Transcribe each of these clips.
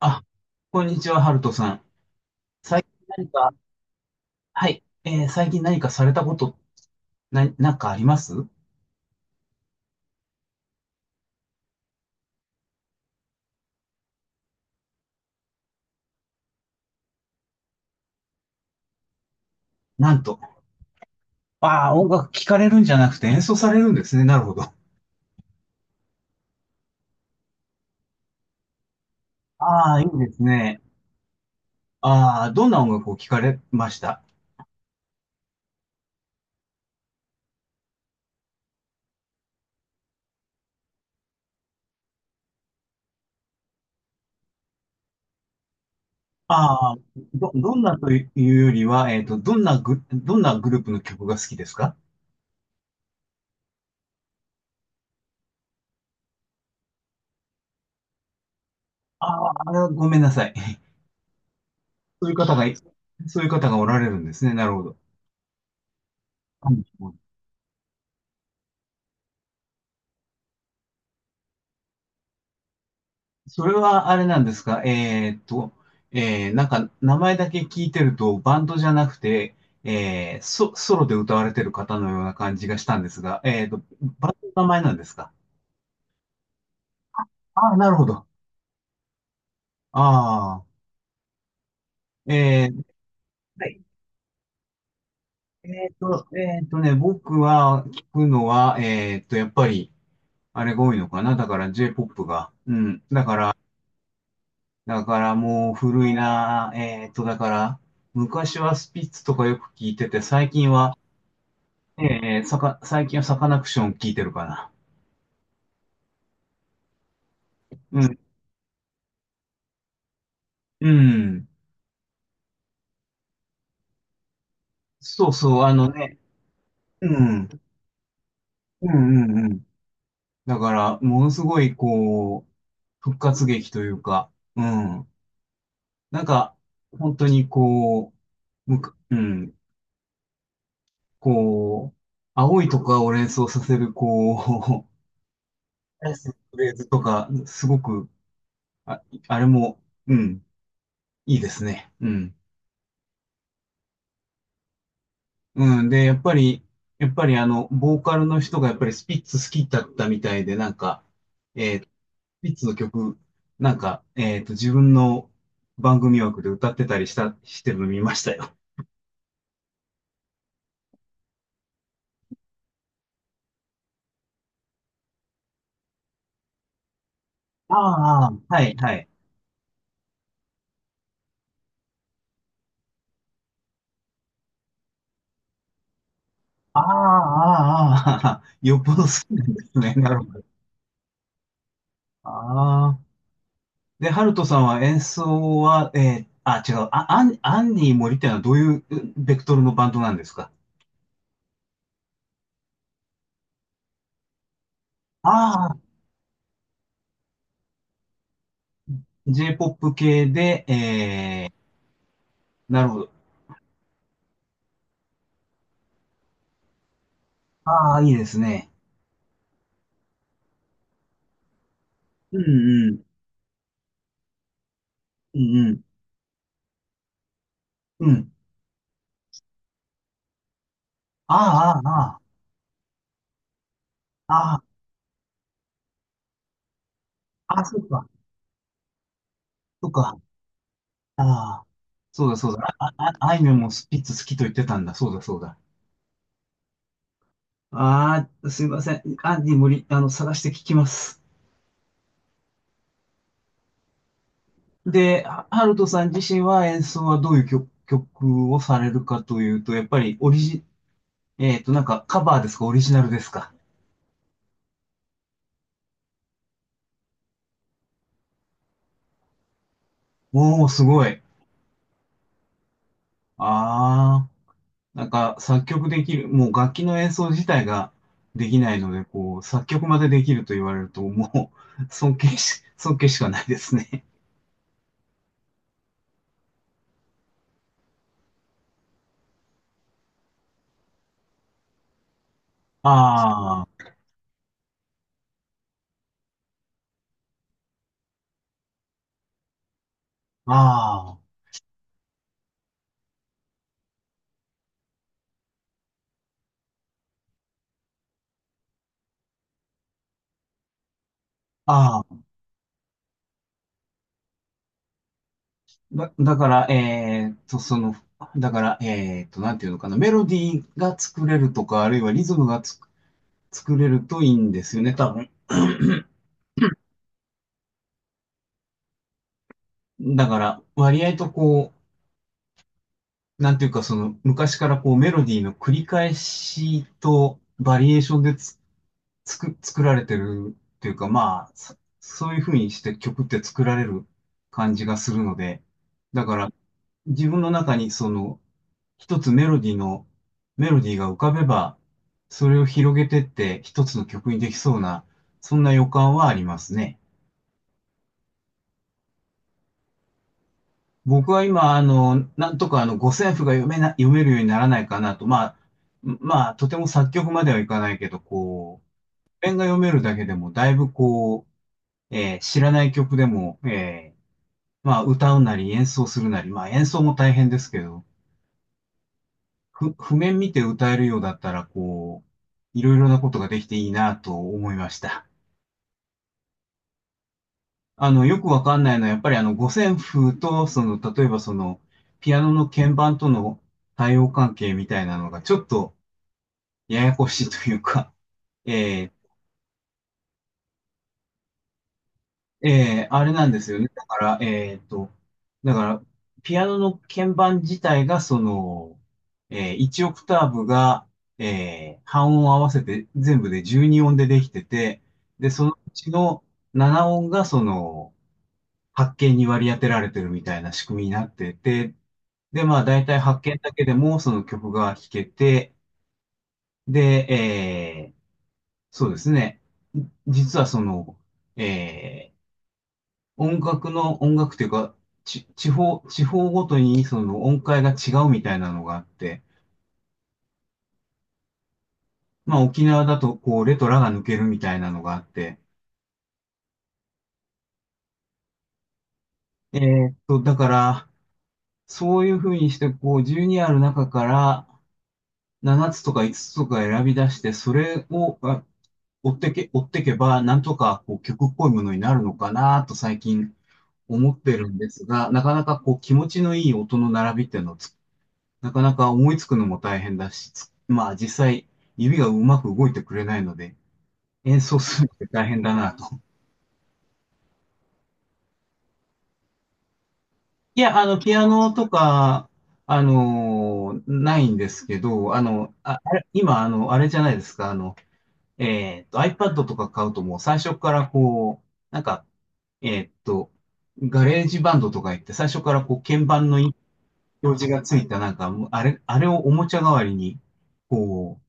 あ、こんにちは、ハルトさん。最近何か、はい、最近何かされたこと、なんかあります？なんと。ああ、音楽聴かれるんじゃなくて演奏されるんですね。なるほど。ああ、いいですね。ああ、どんな音楽を聴かれました？ああ、どんなというよりは、どんなグループの曲が好きですか？ああ、ごめんなさい。そういう方がい、そういう方がおられるんですね。なるほど。はい。それはあれなんですか？なんか名前だけ聞いてるとバンドじゃなくて、ソロで歌われてる方のような感じがしたんですが、バンドの名前なんですか？ああー、なるほど。ああ、えー、はい。僕は聞くのは、やっぱり、あれが多いのかな。だから J-POP が。うん。だから、だからもう古いな。だから、昔はスピッツとかよく聞いてて、最近は、ええ、最近はサカナクション聞いてるかな。うん。うん。そうそう、あのね。うん。うんうんうん。だから、ものすごい、こう、復活劇というか、うん。なんか、本当にこう、うん。こう、青いとかを連想させる、こう、フレーズとか、すごく、あ、あれも、うん、いいですね。うん。うん。で、やっぱり、やっぱりあの、ボーカルの人がやっぱりスピッツ好きだったみたいで、なんか、えースピッツの曲、なんか、自分の番組枠で歌ってたりした、してるの見ましたよ。ああ、はい、はい。ああ、ああ、ああ、よっぽど好きなんですね。なるほど。ああ。で、ハルトさんは演奏は、あ、違う、あ、アンニー森っていうのはどういううベクトルのバンドなんですか？ああー、J-POP 系で、なるほど。ああ、いいですね。うんうん。うんうん。うん。ああ、ああ、ああ、ああ、そっか。そっか。ああ。そうだそうだ。あ、あ、あいみょんもスピッツ好きと言ってたんだ。そうだそうだ。ああ、すいません。アンディ無理、あの、探して聞きます。で、ハルトさん自身は演奏はどういう曲をされるかというと、やっぱりオリジ、なんかカバーですか、オリジナルですか？おー、すごい。ああ。なんか作曲できる、もう楽器の演奏自体ができないので、こう、作曲までできると言われると、もう 尊敬しかないですね。ああ、ああ、ああ。だから、その、だから、なんていうのかな、メロディーが作れるとか、あるいはリズムが作れるといいんですよね、多分。だから、割合とこう、なんていうか、その、昔からこう、メロディーの繰り返しとバリエーションで作られてるっていうか、まあ、そういうふうにして曲って作られる感じがするので、だから自分の中にその一つメロディーの、メロディーが浮かべば、それを広げてって一つの曲にできそうな、そんな予感はありますね。僕は今、あの、なんとかあの、五線譜が読めるようにならないかなと、まあ、まあ、とても作曲まではいかないけど、こう、譜面が読めるだけでも、だいぶこう、知らない曲でも、ーまあ、歌うなり演奏するなり、まあ、演奏も大変ですけど、譜面見て歌えるようだったら、こう、いろいろなことができていいなと思いました。あの、よくわかんないのは、やっぱりあの、五線譜と、その、例えばその、ピアノの鍵盤との対応関係みたいなのが、ちょっとややこしいというか、えーえあれなんですよね。だから、だから、ピアノの鍵盤自体が、その、1オクターブが、半音合わせて全部で12音でできてて、で、そのうちの7音が、その、8鍵に割り当てられてるみたいな仕組みになってて、で、まあ、だいたい鍵だけでも、その曲が弾けて、で、そうですね。実はその、えー音楽の、音楽というか、地方ごとにその音階が違うみたいなのがあって、まあ沖縄だとこうレとラが抜けるみたいなのがあって、だから、そういうふうにしてこう12ある中から7つとか5つつとか選び出して、それを追ってけば、なんとかこう曲っぽいものになるのかなと最近思ってるんですが、なかなかこう気持ちのいい音の並びっていうのをなかなか思いつくのも大変だし、まあ実際指がうまく動いてくれないので、演奏するのって大変だなと。いや、あの、ピアノとか、あの、ないんですけど、あの、あ、あれ、今、あの、あれじゃないですか、あの、iPad とか買うともう最初からこう、なんか、えっと、ガレージバンドとか言って最初からこう鍵盤の表示がついたなんか、あれ、あれをおもちゃ代わりに、こう、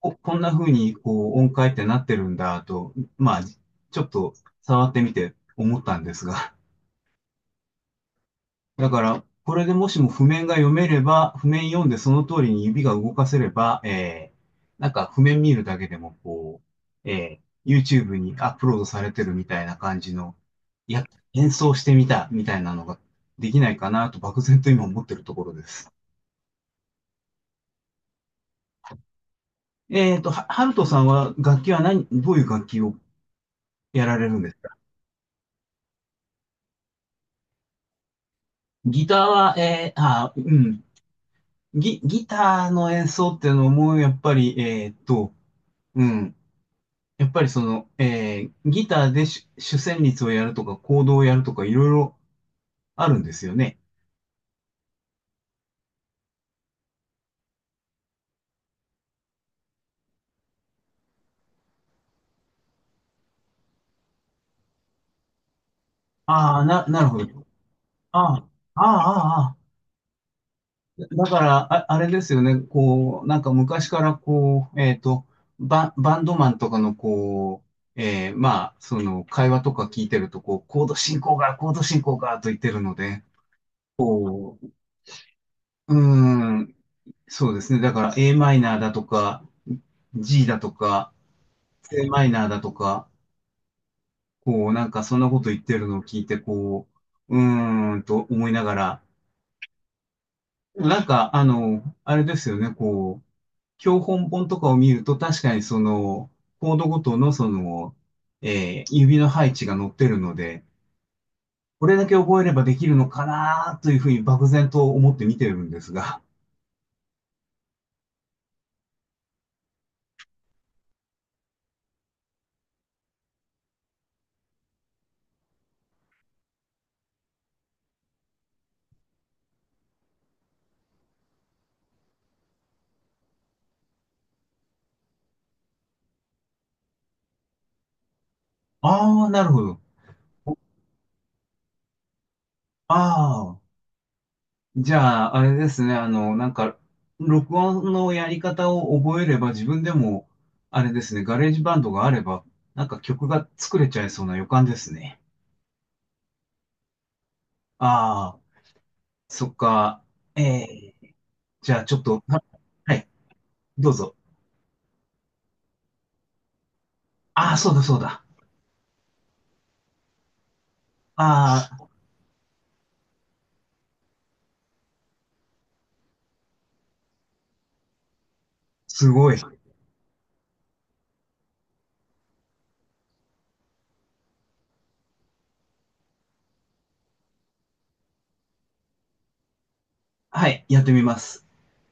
こんな風にこう音階ってなってるんだと、まあ、ちょっと触ってみて思ったんですが。だから、これでもしも譜面が読めれば、譜面読んでその通りに指が動かせれば、なんか譜面見るだけでもこう、YouTube にアップロードされてるみたいな感じの、いや、演奏してみたみたいなのができないかなと漠然と今思ってるところです。ハルトさんは楽器はどういう楽器をやられるんですか？ギターは、あ、うん。ギターの演奏っていうのも、やっぱり、うん。やっぱりその、ギターで主旋律をやるとか、コードをやるとか、いろいろあるんですよね。ああ、なるほど。ああ、ああ、ああ。だから、あ、あれですよね。こう、なんか昔からこう、バンドマンとかのこう、まあ、その、会話とか聞いてると、こう、コード進行が、と言ってるので、うーん、そうですね。だから A マイナーだとか、G だとか、C マイナーだとか、こう、なんかそんなこと言ってるのを聞いて、こう、うーんと思いながら、なんか、あの、あれですよね、こう、教本本とかを見ると、確かにその、コードごとのその、指の配置が載ってるので、これだけ覚えればできるのかなというふうに漠然と思って見てるんですが、ああ、なるほど。ああ。じゃあ、あれですね。あの、なんか、録音のやり方を覚えれば自分でも、あれですね。ガレージバンドがあれば、なんか曲が作れちゃいそうな予感ですね。ああ、そっか。ええ、じゃあちょっと、はい、どうぞ。ああ、そうだそうだ。ああ、すごい。はい、やってみます。